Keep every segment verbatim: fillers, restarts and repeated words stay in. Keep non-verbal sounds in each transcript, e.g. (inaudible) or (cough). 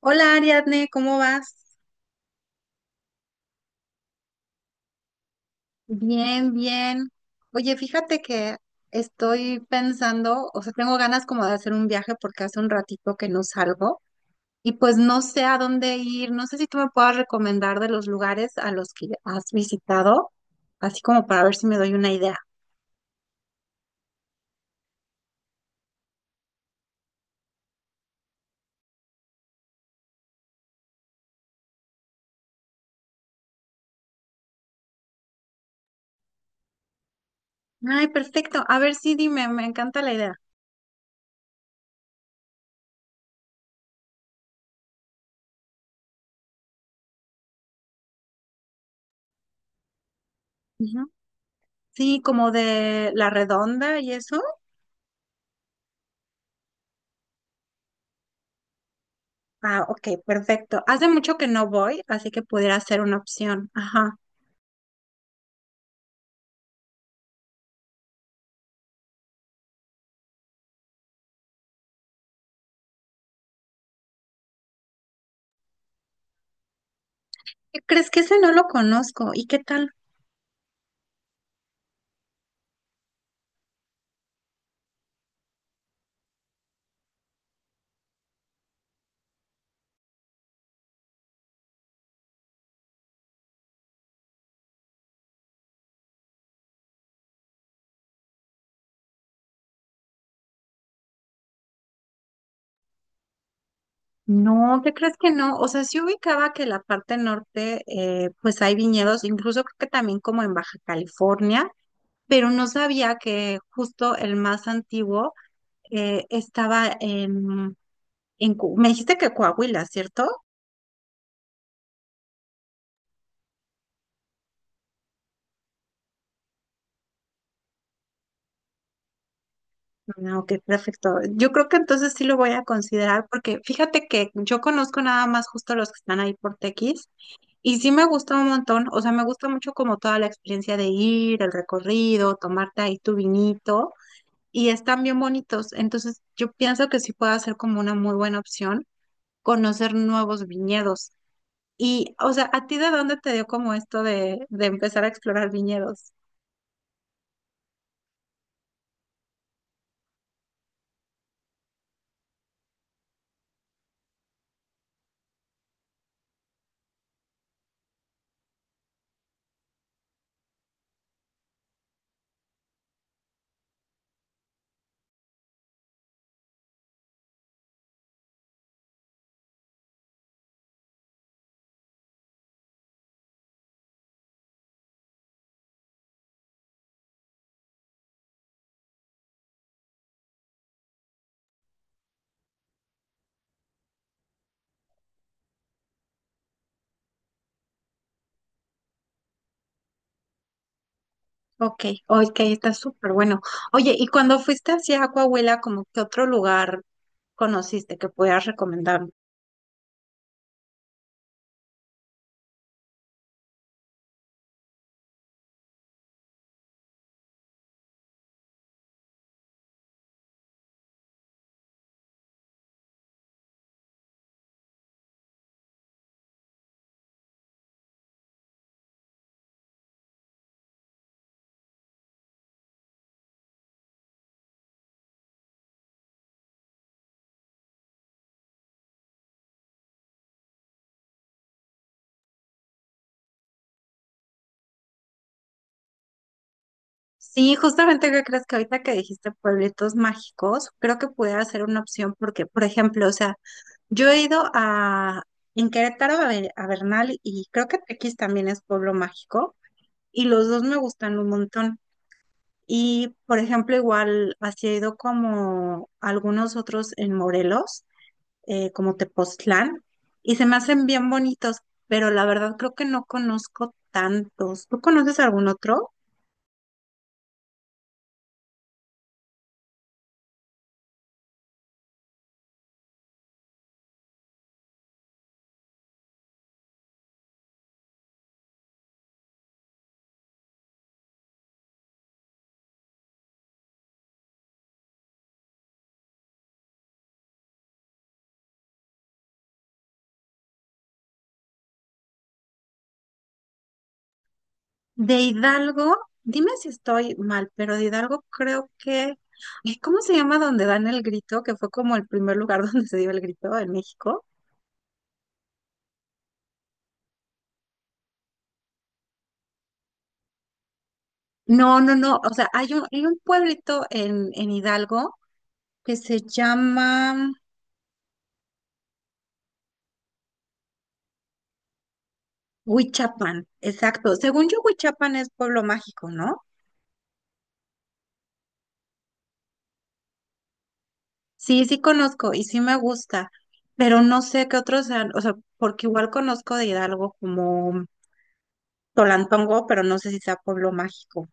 Hola Ariadne, ¿cómo vas? Bien, bien. Oye, fíjate que estoy pensando, o sea, tengo ganas como de hacer un viaje porque hace un ratito que no salgo y pues no sé a dónde ir. No sé si tú me puedas recomendar de los lugares a los que has visitado, así como para ver si me doy una idea. Ay, perfecto. A ver, sí, dime, me encanta la idea. Ujú. Sí, como de La Redonda y eso. Ah, ok, perfecto. Hace mucho que no voy, así que pudiera ser una opción. Ajá. ¿Qué crees? Que ese no lo conozco. ¿Y qué tal? No, ¿qué crees que no? O sea, sí ubicaba que la parte norte, eh, pues hay viñedos, incluso creo que también como en Baja California, pero no sabía que justo el más antiguo eh, estaba en, en... Cu- Me dijiste que Coahuila, ¿cierto? No, ok, perfecto. Yo creo que entonces sí lo voy a considerar porque fíjate que yo conozco nada más justo los que están ahí por Tequis. Y sí me gustó un montón, o sea, me gusta mucho como toda la experiencia de ir, el recorrido, tomarte ahí tu vinito, y están bien bonitos. Entonces, yo pienso que sí puede ser como una muy buena opción conocer nuevos viñedos. Y, o sea, ¿a ti de dónde te dio como esto de, de empezar a explorar viñedos? Ok, ok, está súper bueno. Oye, ¿y cuando fuiste hacia Coahuila, como qué otro lugar conociste que pudieras recomendar? Sí, justamente que crees que ahorita que dijiste pueblitos mágicos, creo que pudiera ser una opción porque, por ejemplo, o sea, yo he ido a en Querétaro a, Be- a Bernal y creo que Tequis también es pueblo mágico y los dos me gustan un montón. Y, por ejemplo, igual así he ido como a algunos otros en Morelos, eh, como Tepoztlán, y se me hacen bien bonitos, pero la verdad creo que no conozco tantos. ¿Tú conoces algún otro? De Hidalgo, dime si estoy mal, pero de Hidalgo creo que... ay, ¿cómo se llama donde dan el grito? Que fue como el primer lugar (laughs) donde se dio el grito en México. No, no, no. O sea, hay un, hay un pueblito en, en Hidalgo que se llama Huichapan. Exacto. Según yo, Huichapan es pueblo mágico, ¿no? Sí, sí conozco y sí me gusta, pero no sé qué otros sean. O sea, porque igual conozco de Hidalgo como Tolantongo, pero no sé si sea pueblo mágico.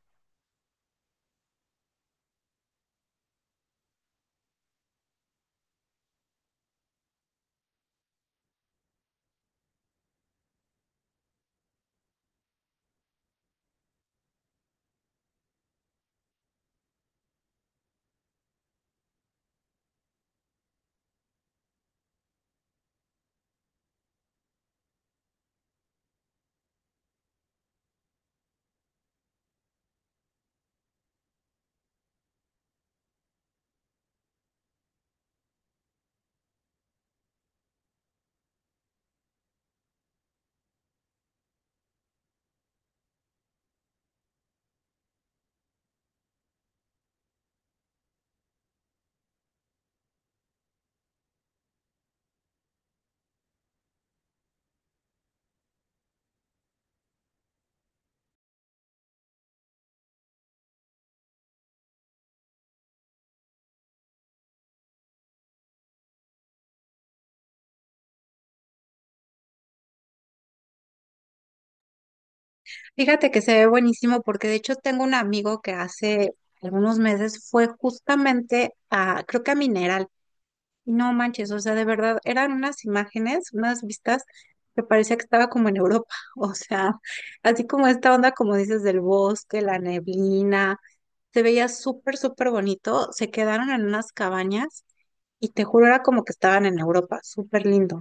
Fíjate que se ve buenísimo porque de hecho tengo un amigo que hace algunos meses fue justamente a, creo que a Mineral, y no manches, o sea, de verdad, eran unas imágenes, unas vistas que parecía que estaba como en Europa, (laughs) o sea, así como esta onda, como dices, del bosque, la neblina, se veía súper, súper bonito, se quedaron en unas cabañas y te juro era como que estaban en Europa, súper lindo.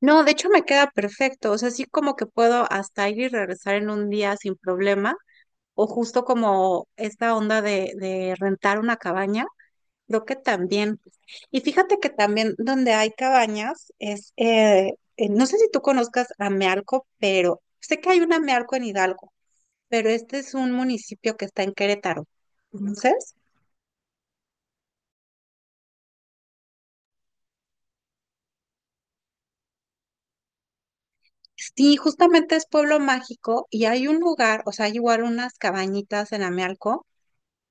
No, de hecho me queda perfecto, o sea, sí como que puedo hasta ir y regresar en un día sin problema o justo como esta onda de, de rentar una cabaña, creo que también. Y fíjate que también donde hay cabañas es, eh, eh, no sé si tú conozcas Amealco, pero sé que hay una Amealco en Hidalgo, pero este es un municipio que está en Querétaro. Entonces, sí, justamente es pueblo mágico y hay un lugar, o sea, hay igual unas cabañitas en Amealco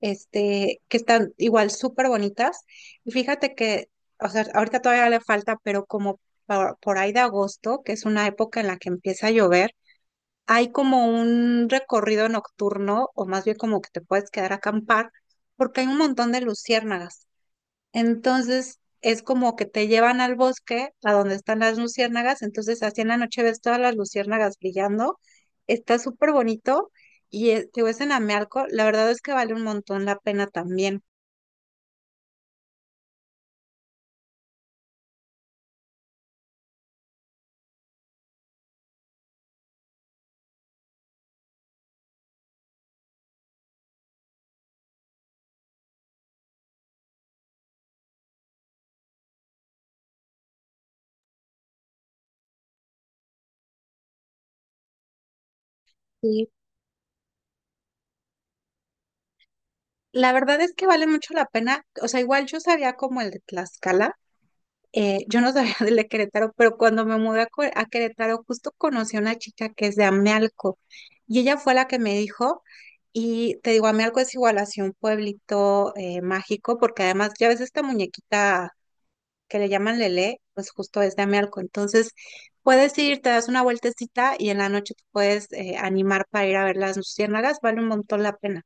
este, que están igual súper bonitas. Y fíjate que, o sea, ahorita todavía le falta, pero como por, por ahí de agosto, que es una época en la que empieza a llover, hay como un recorrido nocturno, o más bien como que te puedes quedar a acampar, porque hay un montón de luciérnagas. Entonces es como que te llevan al bosque, a donde están las luciérnagas, entonces así en la noche ves todas las luciérnagas brillando, está súper bonito y eh, te ves en Amealco, la verdad es que vale un montón la pena también. Sí, la verdad es que vale mucho la pena, o sea, igual yo sabía como el de Tlaxcala, eh, yo no sabía (laughs) del de Querétaro, pero cuando me mudé a, Cue- a Querétaro, justo conocí a una chica que es de Amealco y ella fue la que me dijo, y te digo, Amealco es igual así un pueblito eh, mágico, porque además ya ves esta muñequita que le llaman Lele, pues justo es de Amealco, entonces puedes ir, te das una vueltecita y en la noche te puedes eh, animar para ir a ver las luciérnagas, vale un montón la pena.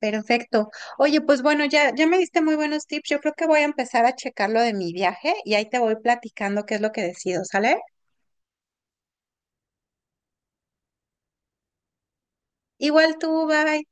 Perfecto. Oye, pues bueno, ya, ya me diste muy buenos tips. Yo creo que voy a empezar a checar lo de mi viaje y ahí te voy platicando qué es lo que decido, ¿sale? Igual tú, bye.